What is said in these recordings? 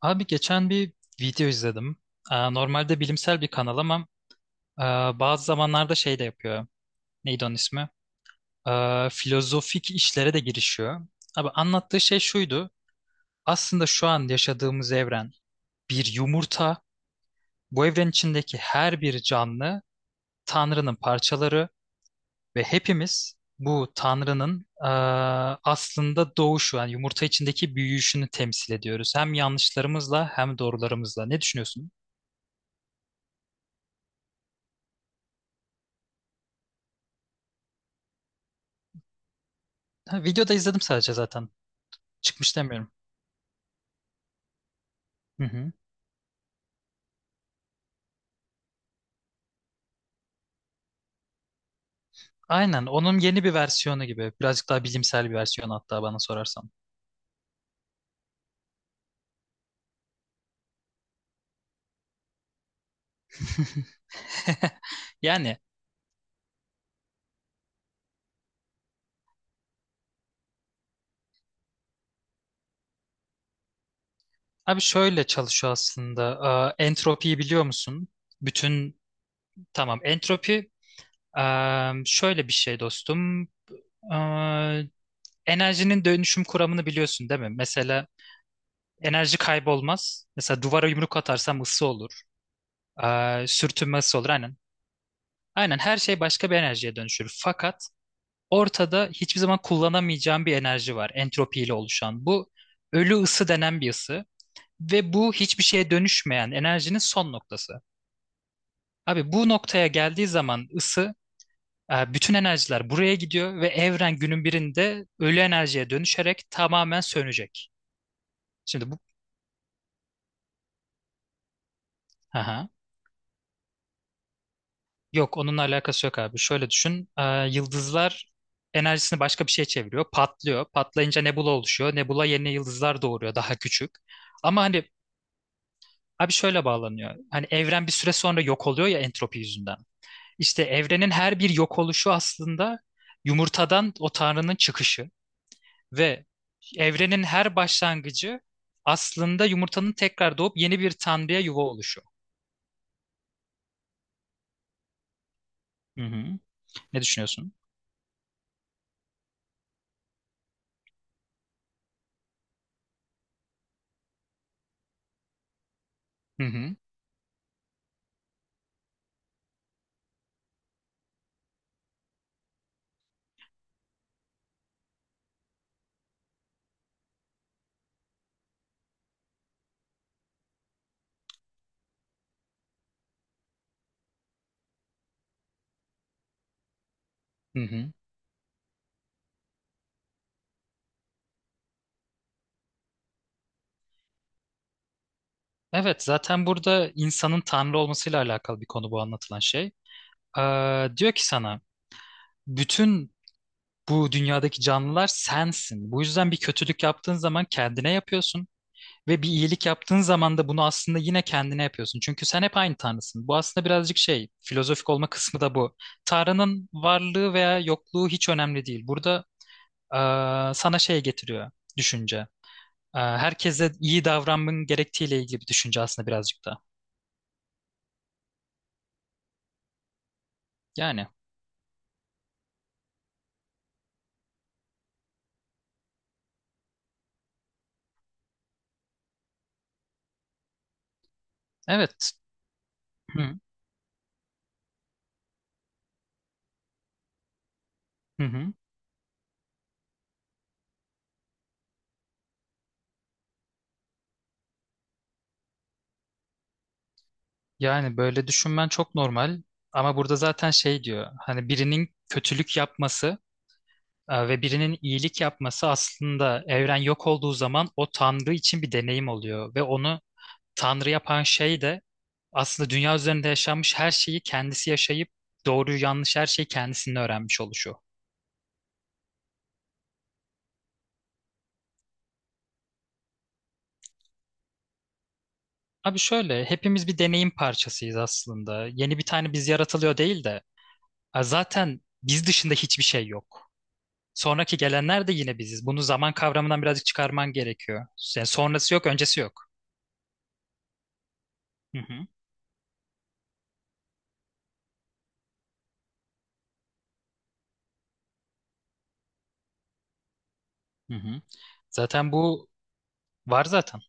Abi geçen bir video izledim. Normalde bilimsel bir kanal ama e, bazı zamanlarda şey de yapıyor. Neydi onun ismi? Filozofik işlere de girişiyor. Abi anlattığı şey şuydu. Aslında şu an yaşadığımız evren bir yumurta. Bu evren içindeki her bir canlı Tanrı'nın parçaları ve hepimiz bu Tanrı'nın aslında doğuşu, yani yumurta içindeki büyüyüşünü temsil ediyoruz. Hem yanlışlarımızla hem doğrularımızla. Ne düşünüyorsun? Ha, videoda izledim sadece zaten. Çıkmış demiyorum. Hı hı. Aynen, onun yeni bir versiyonu gibi. Birazcık daha bilimsel bir versiyonu hatta bana sorarsan. Yani abi şöyle çalışıyor aslında. Aa, entropiyi biliyor musun? Bütün tamam, entropi. Aa, şöyle bir şey dostum. Aa, enerjinin dönüşüm kuramını biliyorsun değil mi? Mesela enerji kaybolmaz. Mesela duvara yumruk atarsam ısı olur. Aa, sürtünme ısı olur aynen. Aynen, her şey başka bir enerjiye dönüşür. Fakat ortada hiçbir zaman kullanamayacağım bir enerji var entropiyle oluşan. Bu ölü ısı denen bir ısı ve bu hiçbir şeye dönüşmeyen enerjinin son noktası. Abi bu noktaya geldiği zaman ısı, bütün enerjiler buraya gidiyor ve evren günün birinde ölü enerjiye dönüşerek tamamen sönecek. Şimdi bu. Aha. Yok, onunla alakası yok abi. Şöyle düşün. Yıldızlar enerjisini başka bir şeye çeviriyor. Patlıyor. Patlayınca nebula oluşuyor. Nebula yeni yıldızlar doğuruyor, daha küçük. Ama hani, abi şöyle bağlanıyor. Hani evren bir süre sonra yok oluyor ya entropi yüzünden. İşte evrenin her bir yok oluşu aslında yumurtadan o tanrının çıkışı ve evrenin her başlangıcı aslında yumurtanın tekrar doğup yeni bir tanrıya yuva oluşu. Hı hı. Ne düşünüyorsun? Hı hı. Hı hı. Evet, zaten burada insanın tanrı olmasıyla alakalı bir konu bu anlatılan şey. Diyor ki sana bütün bu dünyadaki canlılar sensin. Bu yüzden bir kötülük yaptığın zaman kendine yapıyorsun. Ve bir iyilik yaptığın zaman da bunu aslında yine kendine yapıyorsun. Çünkü sen hep aynı Tanrısın. Bu aslında birazcık şey, filozofik olma kısmı da bu. Tanrı'nın varlığı veya yokluğu hiç önemli değil. Burada sana şey getiriyor, düşünce. Herkese iyi davranmanın gerektiğiyle ilgili bir düşünce aslında birazcık da. Yani evet. Hı, hı, hı. Yani böyle düşünmen çok normal. Ama burada zaten şey diyor. Hani birinin kötülük yapması, ve birinin iyilik yapması aslında evren yok olduğu zaman o Tanrı için bir deneyim oluyor. Ve onu Tanrı yapan şey de aslında dünya üzerinde yaşanmış her şeyi kendisi yaşayıp doğruyu yanlış her şeyi kendisinin öğrenmiş oluşu. Abi şöyle, hepimiz bir deneyim parçasıyız aslında. Yeni bir tane biz yaratılıyor değil de, zaten biz dışında hiçbir şey yok. Sonraki gelenler de yine biziz. Bunu zaman kavramından birazcık çıkarman gerekiyor. Yani sonrası yok, öncesi yok. Hı hı, hı hı. Zaten bu var zaten.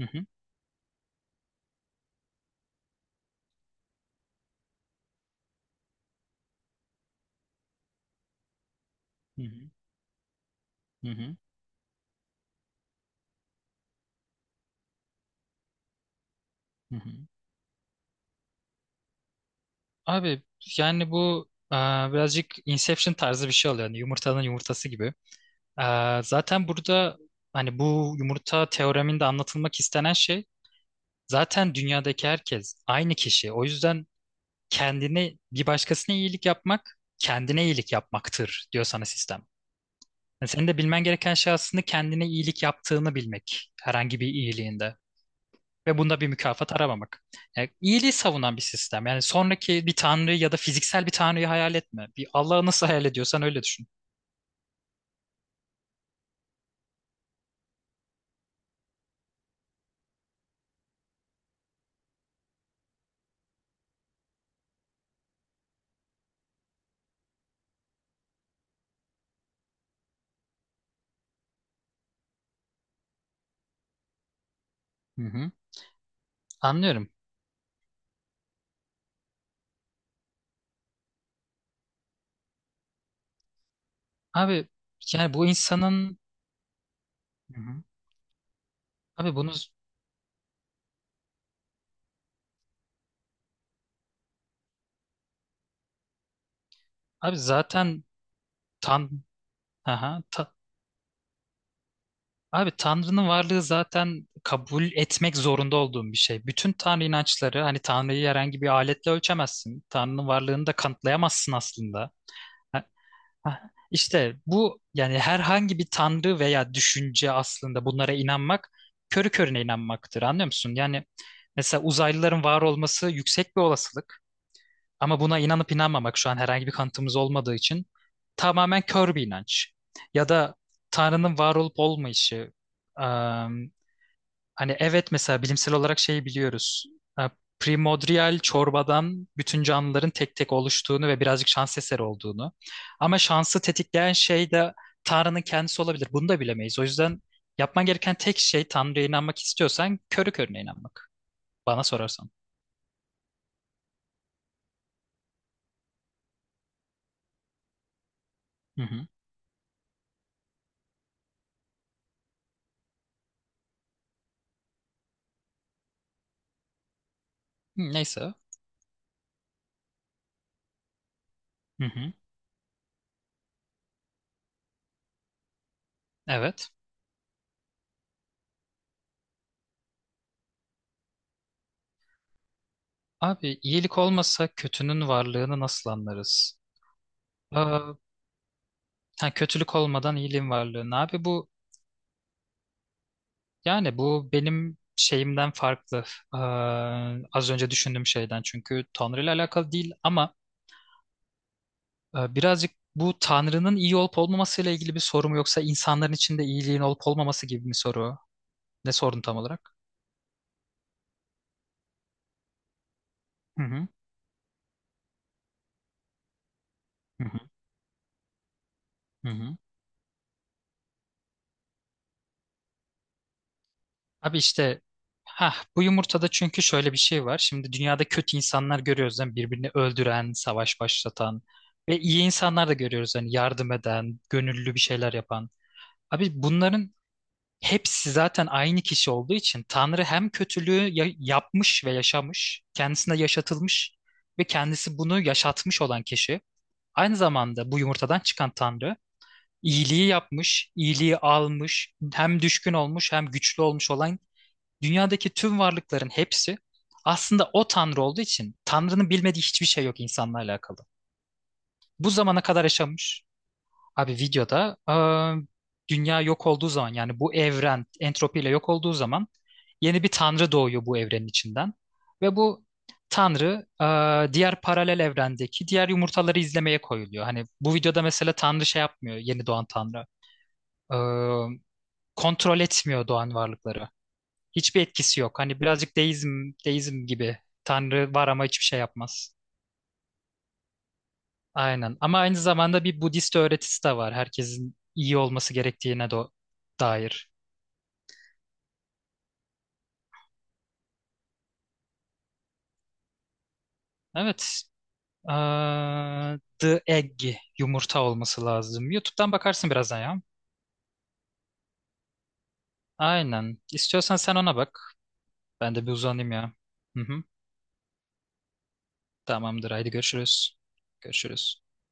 Hı hı. Hı hı, hı hı, hı hı. Abi yani bu, birazcık Inception tarzı bir şey oluyor. Yani yumurtanın yumurtası gibi. E, zaten burada hani bu yumurta teoreminde anlatılmak istenen şey zaten dünyadaki herkes aynı kişi. O yüzden kendine bir başkasına iyilik yapmak kendine iyilik yapmaktır diyor sana sistem. Yani senin de bilmen gereken şey aslında kendine iyilik yaptığını bilmek herhangi bir iyiliğinde. Ve bunda bir mükafat aramamak. Yani iyiliği savunan bir sistem. Yani sonraki bir tanrıyı ya da fiziksel bir tanrıyı hayal etme. Bir Allah'ı nasıl hayal ediyorsan öyle düşün. Hı hı. Anlıyorum. Abi yani bu insanın Hı hı. abi bunu abi zaten tan Aha, Abi Tanrı'nın varlığı zaten kabul etmek zorunda olduğum bir şey. Bütün Tanrı inançları hani Tanrı'yı herhangi bir aletle ölçemezsin. Tanrı'nın varlığını da kanıtlayamazsın aslında. Hah, İşte bu yani herhangi bir tanrı veya düşünce aslında bunlara inanmak körü körüne inanmaktır, anlıyor musun? Yani mesela uzaylıların var olması yüksek bir olasılık ama buna inanıp inanmamak şu an herhangi bir kanıtımız olmadığı için tamamen kör bir inanç. Ya da tanrının var olup olmayışı. Hani evet mesela bilimsel olarak şeyi biliyoruz. Ha, primordial çorbadan bütün canlıların tek tek oluştuğunu ve birazcık şans eseri olduğunu. Ama şansı tetikleyen şey de Tanrı'nın kendisi olabilir. Bunu da bilemeyiz. O yüzden yapman gereken tek şey, Tanrı'ya inanmak istiyorsan körü körüne inanmak. Bana sorarsan. Hı hı. Hı. Neyse. Hı hı. Evet. Abi iyilik olmasa kötünün varlığını nasıl anlarız? Aa, ha, kötülük olmadan iyiliğin varlığını. Abi bu Yani bu benim şeyimden farklı. Ee, Az önce düşündüğüm şeyden, çünkü Tanrı ile alakalı değil ama birazcık bu Tanrı'nın iyi olup olmamasıyla ilgili bir soru mu, yoksa insanların içinde iyiliğin olup olmaması gibi bir soru? Ne sordun tam olarak? Hı hı. Hı hı. Hı hı. Abi işte, ha, bu yumurtada çünkü şöyle bir şey var. Şimdi dünyada kötü insanlar görüyoruz, yani birbirini öldüren, savaş başlatan ve iyi insanlar da görüyoruz, hani yardım eden, gönüllü bir şeyler yapan. Abi bunların hepsi zaten aynı kişi olduğu için Tanrı hem kötülüğü yapmış ve yaşamış, kendisine yaşatılmış ve kendisi bunu yaşatmış olan kişi. Aynı zamanda bu yumurtadan çıkan Tanrı iyiliği yapmış, iyiliği almış, hem düşkün olmuş hem güçlü olmuş olan dünyadaki tüm varlıkların hepsi aslında o Tanrı olduğu için Tanrı'nın bilmediği hiçbir şey yok insanla alakalı. Bu zamana kadar yaşamış, abi videoda dünya yok olduğu zaman, yani bu evren entropiyle yok olduğu zaman yeni bir tanrı doğuyor bu evrenin içinden. Ve bu tanrı diğer paralel evrendeki diğer yumurtaları izlemeye koyuluyor. Hani bu videoda mesela tanrı şey yapmıyor, yeni doğan tanrı. Eee, Kontrol etmiyor doğan varlıkları. Hiçbir etkisi yok. Hani birazcık deizm gibi, tanrı var ama hiçbir şey yapmaz. Aynen. Ama aynı zamanda bir Budist öğretisi de var. Herkesin iyi olması gerektiğine de dair. Evet. Aa, The Egg, yumurta olması lazım. YouTube'dan bakarsın birazdan ya. Aynen. İstiyorsan sen ona bak. Ben de bir uzanayım ya. Hı hı. Tamamdır. Haydi görüşürüz. Görüşürüz.